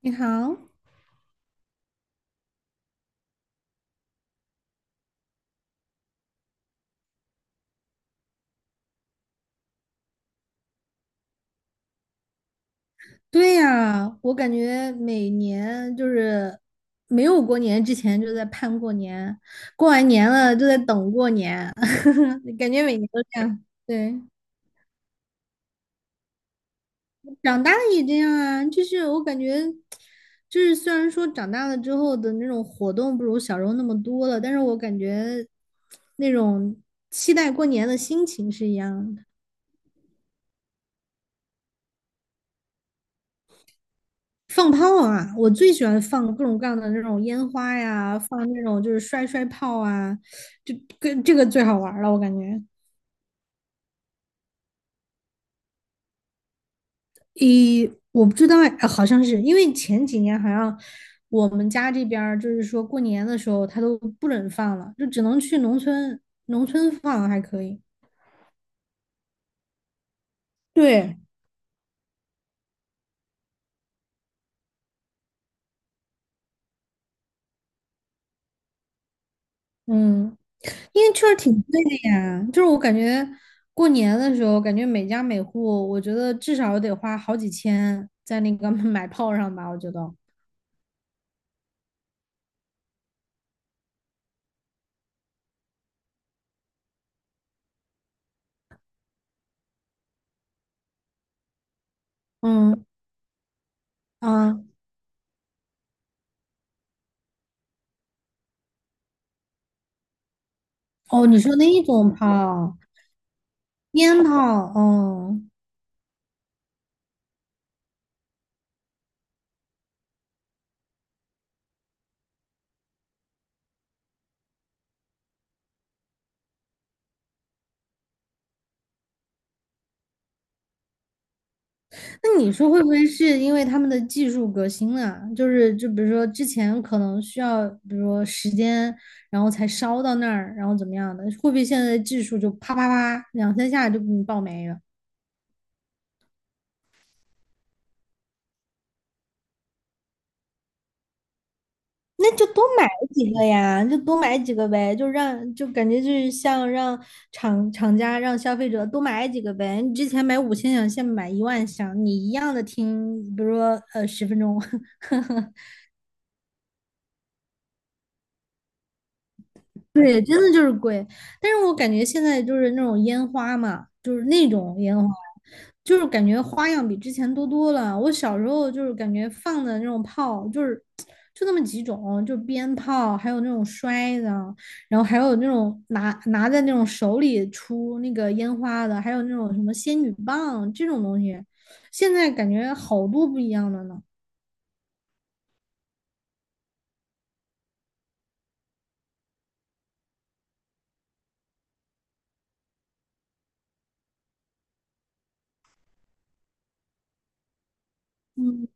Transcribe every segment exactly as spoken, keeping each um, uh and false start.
你好。对呀，我感觉每年就是没有过年之前就在盼过年，过完年了就在等过年，感觉每年都这样。对。长大了也这样啊，就是我感觉，就是虽然说长大了之后的那种活动不如小时候那么多了，但是我感觉那种期待过年的心情是一样的。放炮啊！我最喜欢放各种各样的那种烟花呀，放那种就是摔摔炮啊，就跟这个最好玩儿了，我感觉。咦，我不知道哎，好像是因为前几年好像我们家这边儿就是说过年的时候他都不准放了，就只能去农村，农村放还可以。对。嗯，因为确实挺贵的呀，就是我感觉过年的时候，感觉每家每户，我觉得至少得花好几千在那个 买炮上吧，我觉得。嗯啊，哦，你说那一种炮，烟炮，哦，那你说会不会是因为他们的技术革新啊？就是就比如说之前可能需要，比如说时间，然后才烧到那儿，然后怎么样的？会不会现在的技术就啪啪啪两三下就给你爆没了？那就多买几个呀，就多买几个呗，就让就感觉就是像让厂厂家让消费者多买几个呗。你之前买五千响，现在买一万响，你一样的听，比如说呃十分钟。对，真的就是贵。但是我感觉现在就是那种烟花嘛，就是那种烟花，就是感觉花样比之前多多了。我小时候就是感觉放的那种炮，就是就那么几种，就鞭炮，还有那种摔的，然后还有那种拿拿在那种手里出那个烟花的，还有那种什么仙女棒这种东西。现在感觉好多不一样的呢。嗯。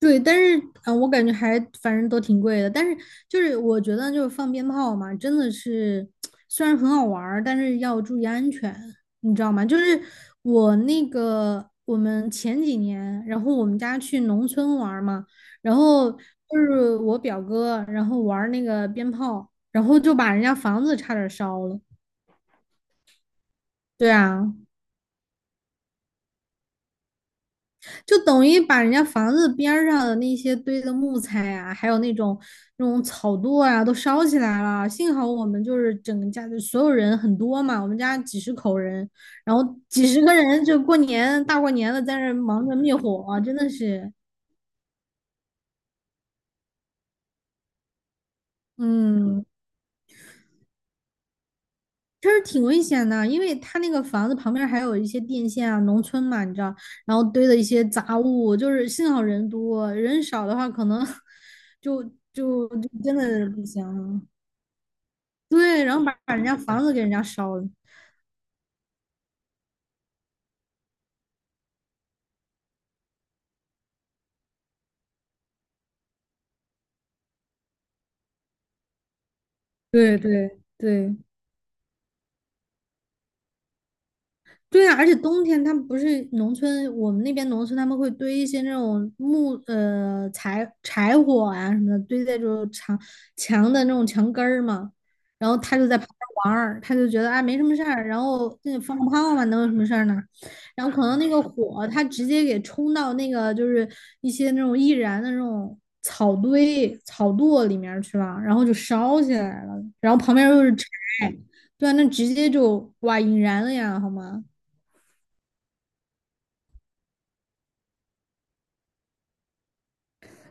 对，但是嗯、呃我感觉还反正都挺贵的。但是就是我觉得就是放鞭炮嘛，真的是虽然很好玩儿但是要注意安全，你知道吗？就是我那个我们前几年，然后我们家去农村玩儿嘛，然后就是我表哥，然后玩儿那个鞭炮，然后就把人家房子差点儿烧了。对啊。就等于把人家房子边儿上的那些堆的木材啊，还有那种那种草垛啊，都烧起来了。幸好我们就是整个家的所有人很多嘛，我们家几十口人，然后几十个人就过年大过年的在那儿忙着灭火啊，真的是，嗯，确实挺危险的，因为他那个房子旁边还有一些电线啊，农村嘛，你知道，然后堆的一些杂物，就是幸好人多，人少的话可能 就就就真的不行了。对，然后把把人家房子给人家烧了，对对对。对啊，而且冬天他们不是农村，我们那边农村他们会堆一些那种木呃柴柴火啊什么的，堆在这种墙墙的那种墙根儿嘛。然后他就在旁边玩儿，他就觉得啊没什么事儿，然后那放个炮嘛，能有什么事儿呢？然后可能那个火他直接给冲到那个就是一些那种易燃的那种草堆草垛里面儿去了，然后就烧起来了，然后旁边又是柴，对啊，那直接就哇引燃了呀，好吗？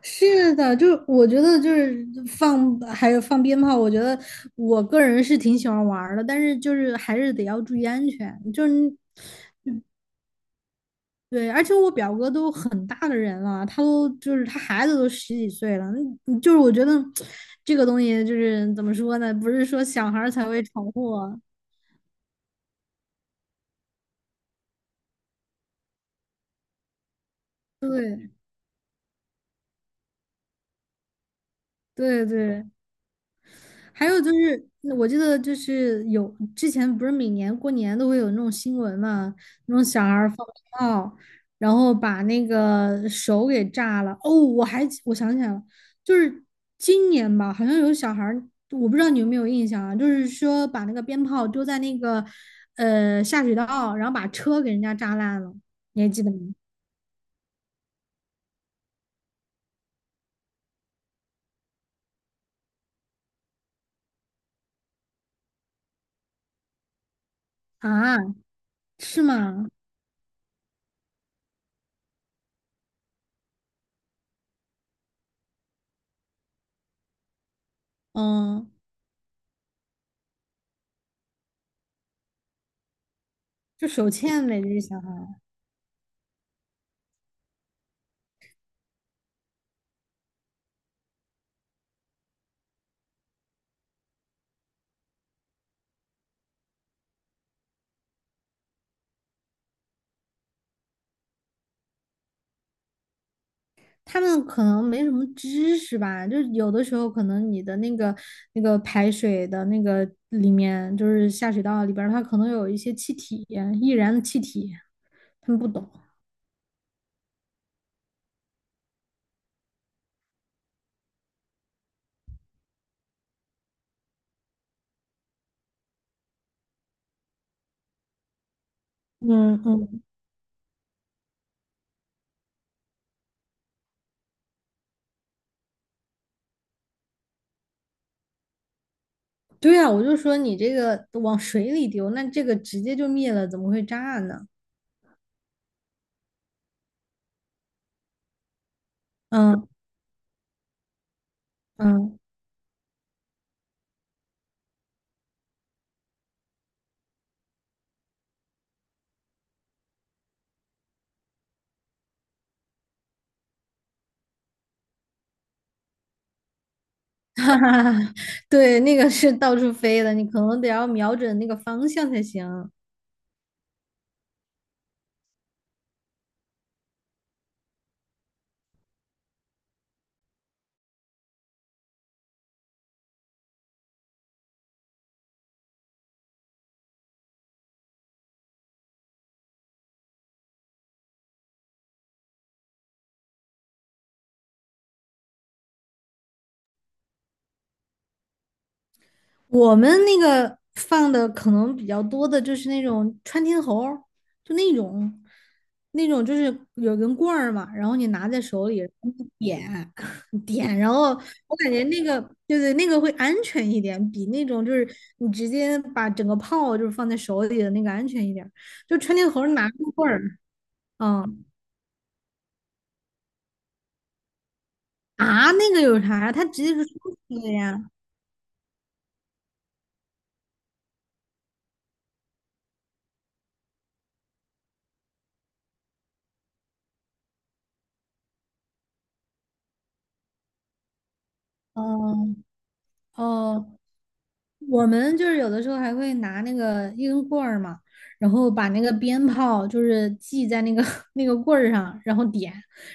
是的，就是我觉得就是放还有放鞭炮，我觉得我个人是挺喜欢玩儿的，但是就是还是得要注意安全。就是你，对，而且我表哥都很大的人了，他都就是他孩子都十几岁了，嗯就是我觉得这个东西就是怎么说呢，不是说小孩儿才会闯祸，对对对。还有就是，我记得就是有之前不是每年过年都会有那种新闻嘛，那种小孩儿放炮，然后把那个手给炸了。哦，我还记我想起来了，就是今年吧，好像有小孩儿我不知道你有没有印象啊，就是说把那个鞭炮丢在那个呃下水道，然后把车给人家炸烂了，你还记得吗？啊，是吗？嗯，就手欠呗，这些小孩。他们可能没什么知识吧，就是有的时候可能你的那个那个排水的那个里面，就是下水道里边儿它可能有一些气体，易燃的气体，他们不懂。嗯嗯，对啊，我就说你这个往水里丢，那这个直接就灭了，怎么会炸呢？嗯嗯，哈哈哈，对，那个是到处飞的，你可能得要瞄准那个方向才行。我们那个放的可能比较多的就是那种穿天猴儿就那种，那种就是有根棍儿嘛，然后你拿在手里，然后你点 点，然后我感觉那个对对，那个会安全一点，比那种就是你直接把整个炮就是放在手里的那个安全一点儿就穿天猴儿拿根棍儿，嗯啊，那个有啥呀？它直接就出去的呀。嗯哦，我们就是有的时候还会拿那个一根棍儿嘛，然后把那个鞭炮就是系在那个 那个棍儿上，然后点，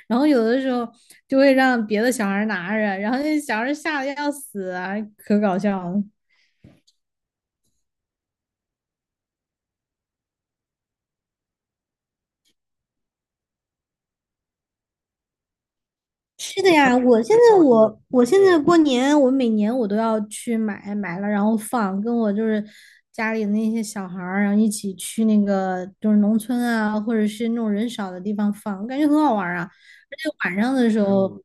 然后有的时候就会让别的小孩儿拿着，然后那小孩儿吓得要死啊，可搞笑了。是的呀，我现在我我现在过年，我每年我都要去买买了，然后放，跟我就是家里的那些小孩儿，然后一起去那个就是农村啊，或者是那种人少的地方放，我感觉很好玩儿啊。而且晚上的时候，嗯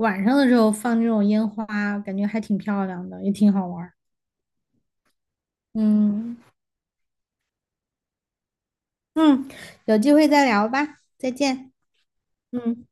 晚上的时候放那种烟花，感觉还挺漂亮的，也挺好玩儿。嗯嗯，有机会再聊吧，再见。嗯。